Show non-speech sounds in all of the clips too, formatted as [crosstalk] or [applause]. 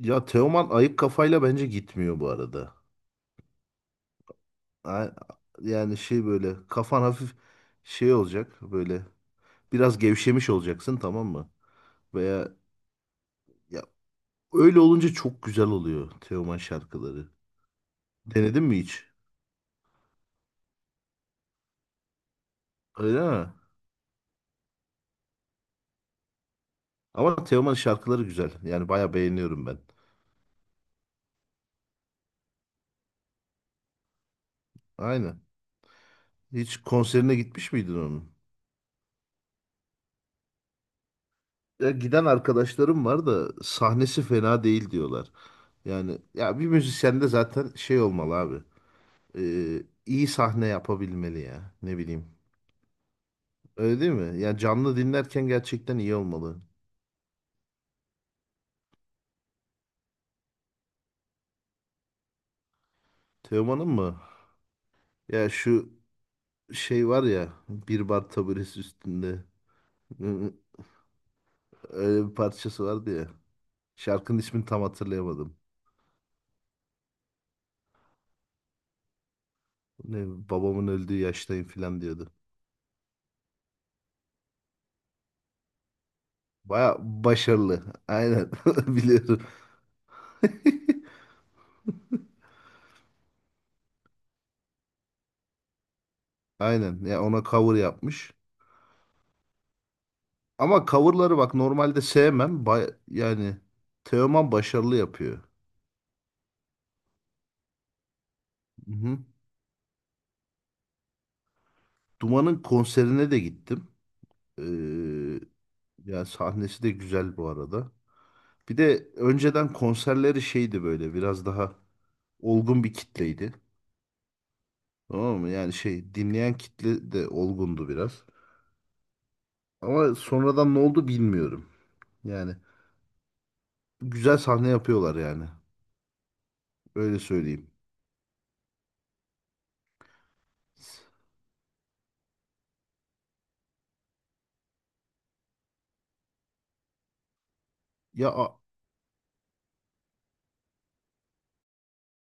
Ya Teoman ayık kafayla bence gitmiyor bu arada. A- Yani şey böyle kafan hafif şey olacak böyle biraz gevşemiş olacaksın, tamam mı? Veya ya öyle olunca çok güzel oluyor Teoman şarkıları. Denedin mi hiç? Öyle mi? Ama Teoman şarkıları güzel. Yani bayağı beğeniyorum ben. Aynen. Hiç konserine gitmiş miydin onun? Ya giden arkadaşlarım var da sahnesi fena değil diyorlar. Yani ya bir müzisyende zaten şey olmalı abi. e, iyi sahne yapabilmeli ya. Ne bileyim. Öyle değil mi? Ya canlı dinlerken gerçekten iyi olmalı. Teoman'ın mı? Ya şu şey var ya, bir bar taburesi üstünde. [laughs] Öyle bir parçası vardı ya. Şarkının ismini tam hatırlayamadım. Ne babamın öldüğü yaştayım falan diyordu. Baya başarılı. Aynen. [laughs] Biliyorum. Aynen. Ya ona cover yapmış. Ama coverları bak normalde sevmem. Yani Teoman başarılı yapıyor. Hı. Duman'ın konserine de gittim. Ee, Yani sahnesi de güzel bu arada. Bir de önceden konserleri şeydi, böyle biraz daha olgun bir kitleydi. Tamam mı? Yani şey dinleyen kitle de olgundu biraz. Ama sonradan ne oldu bilmiyorum. Yani güzel sahne yapıyorlar yani. Öyle söyleyeyim. Ya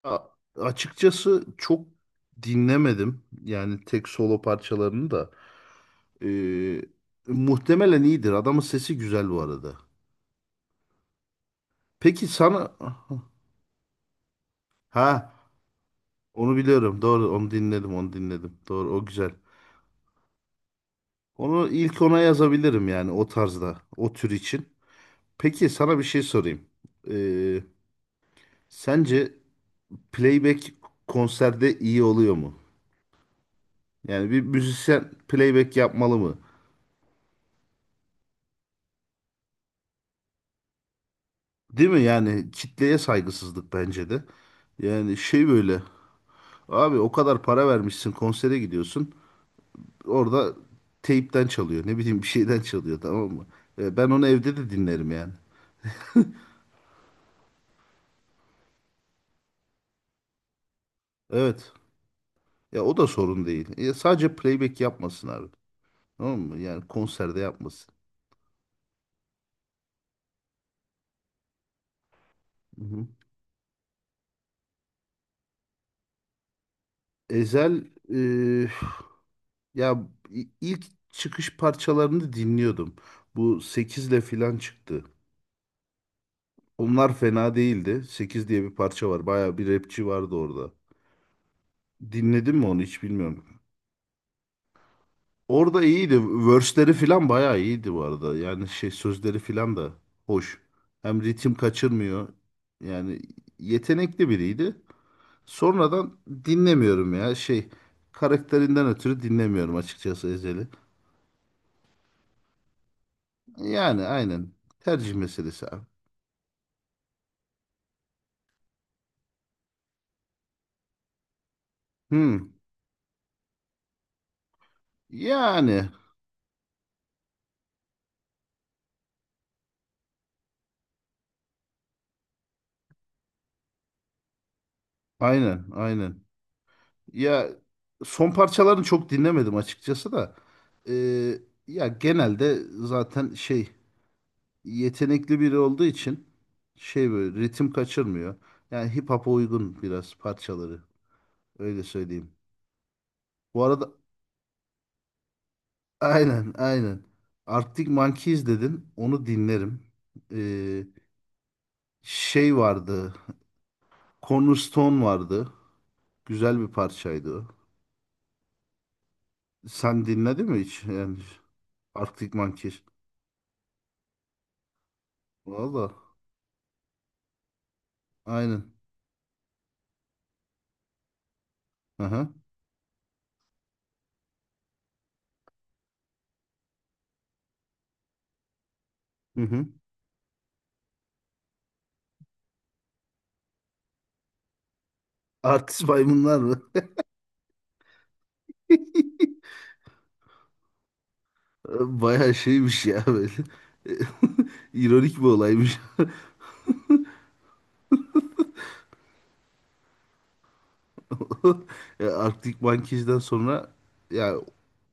a- açıkçası çok dinlemedim. Yani tek solo parçalarını da. Ee, Muhtemelen iyidir. Adamın sesi güzel bu arada. Peki sana, ha, onu biliyorum. Doğru, onu dinledim. Doğru, o güzel. Onu ilk, ona yazabilirim yani o tarzda, o tür için. Peki sana bir şey sorayım. Ee, Sence playback konserde iyi oluyor mu? Yani bir müzisyen playback yapmalı mı? Değil mi? Yani kitleye saygısızlık bence de. Yani şey böyle. Abi o kadar para vermişsin, konsere gidiyorsun. Orada teypten çalıyor. Ne bileyim, bir şeyden çalıyor, tamam mı? Ben onu evde de dinlerim yani. Evet. Ya o da sorun değil. Sadece playback yapmasın abi. Tamam mı? Yani konserde yapmasın. Hı hı. Ezel, e, ya ilk çıkış parçalarını dinliyordum. Bu 8'le filan çıktı. Onlar fena değildi. 8 diye bir parça var. Bayağı bir rapçi vardı orada. Dinledin mi onu hiç bilmiyorum. Orada iyiydi. Verse'leri falan bayağı iyiydi bu arada. Yani şey sözleri falan da hoş. Hem ritim kaçırmıyor. Yani yetenekli biriydi. Sonradan dinlemiyorum ya. Şey karakterinden ötürü dinlemiyorum açıkçası Ezel'i. Yani aynen. Tercih meselesi abi. Hmm. Yani aynen aynen. Ya son parçalarını çok dinlemedim açıkçası da. Ee, Ya genelde zaten şey, yetenekli biri olduğu için, şey böyle ritim kaçırmıyor. Yani hip hop'a uygun biraz parçaları. Öyle söyleyeyim. Bu arada [laughs] aynen aynen. Arctic Monkeys dedin. Onu dinlerim. Ee, Şey vardı. Cornerstone vardı. Güzel bir parçaydı o. Sen dinledin mi hiç? Yani Arctic Monkeys. Valla. Aynen. Aha. Hı hı. Artist maymunlar mı? [laughs] Bayağı şeymiş ya böyle. [laughs] İronik bir olaymış. [laughs] [laughs] Ya Arctic Monkeys'den sonra, ya,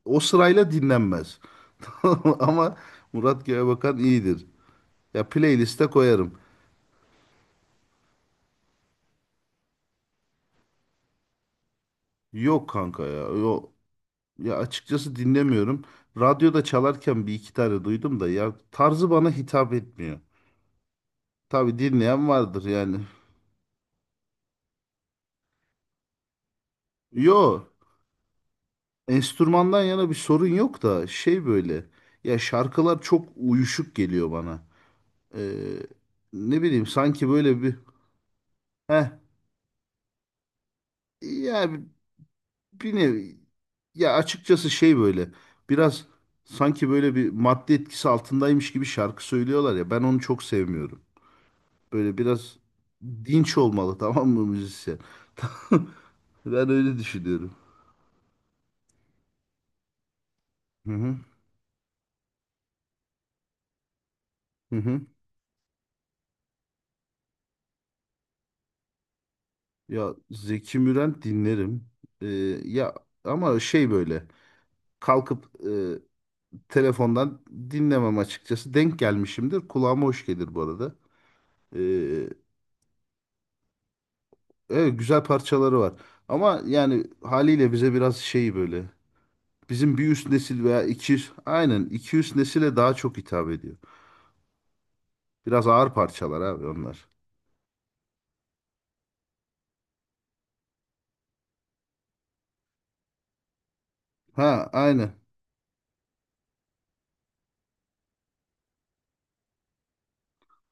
o sırayla dinlenmez. [laughs] Ama Murat Göğebakan iyidir. Ya playlist'e koyarım. Yok kanka ya. Yok. Ya açıkçası dinlemiyorum. Radyoda çalarken bir iki tane duydum da ya tarzı bana hitap etmiyor. Tabii dinleyen vardır yani. Yo, enstrümandan yana bir sorun yok da şey böyle. Ya şarkılar çok uyuşuk geliyor bana. Ee, Ne bileyim, sanki böyle bir, heh, ya bir nevi, ya açıkçası şey böyle, biraz sanki böyle bir madde etkisi altındaymış gibi şarkı söylüyorlar ya, ben onu çok sevmiyorum. Böyle biraz dinç olmalı [laughs] tamam mı müzisyen? [laughs] Ben öyle düşünüyorum. Hı hı. Hı hı. Ya Zeki Müren dinlerim. Ee, Ya ama şey böyle kalkıp telefondan dinlemem açıkçası. Denk gelmişimdir. Kulağıma hoş gelir bu arada. Ee, Evet, güzel parçaları var. Ama yani haliyle bize biraz şey böyle. Bizim bir üst nesil veya iki üst, aynen, iki üst nesile daha çok hitap ediyor. Biraz ağır parçalar abi onlar. Ha, aynen.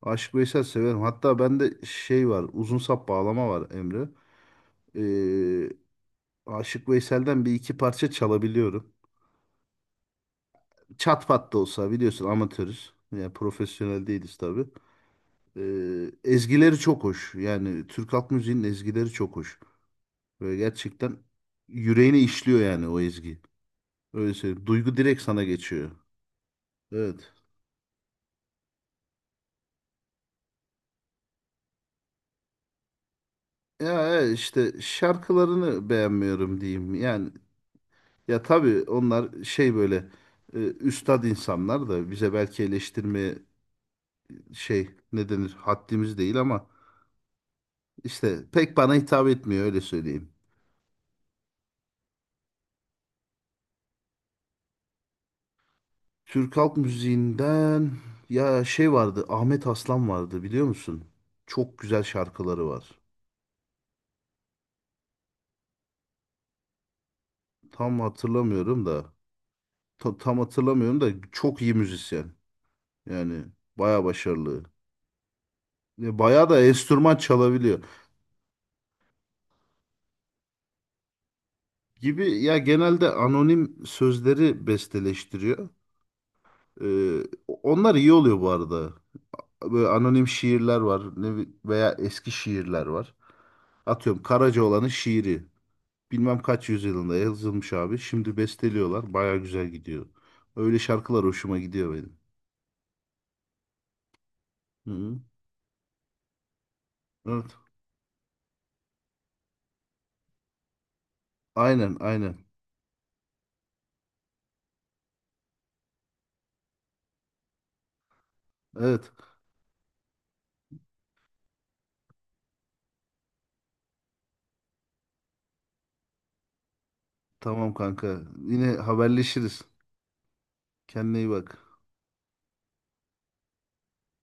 Aşık Veysel severim. Hatta bende şey var. Uzun sap bağlama var Emre. Ee, Aşık Veysel'den bir iki parça çalabiliyorum. Çat pat da olsa biliyorsun, amatörüz. Yani profesyonel değiliz tabii. Ezgileri çok hoş. Yani Türk halk müziğinin ezgileri çok hoş. Böyle gerçekten yüreğine işliyor yani o ezgi. Öyle söyleyeyim. Duygu direkt sana geçiyor. Evet. Ya evet, işte şarkılarını beğenmiyorum diyeyim. Yani ya tabii onlar şey böyle, üstad insanlar da bize belki eleştirmeye şey ne denir, haddimiz değil, ama işte pek bana hitap etmiyor, öyle söyleyeyim. Türk halk müziğinden ya şey vardı, Ahmet Aslan vardı, biliyor musun? Çok güzel şarkıları var. Tam hatırlamıyorum da. Tam hatırlamıyorum da çok iyi müzisyen. Yani baya başarılı. Ya baya da enstrüman çalabiliyor. Gibi, ya genelde anonim sözleri besteleştiriyor. Ee, Onlar iyi oluyor bu arada. Böyle anonim şiirler var, veya eski şiirler var. Atıyorum Karacaoğlan'ın şiiri. Bilmem kaç yüzyılında yazılmış abi. Şimdi besteliyorlar. Baya güzel gidiyor. Öyle şarkılar hoşuma gidiyor benim. Hı hı. Evet. Aynen aynen. Evet. Tamam kanka. Yine haberleşiriz. Kendine iyi bak.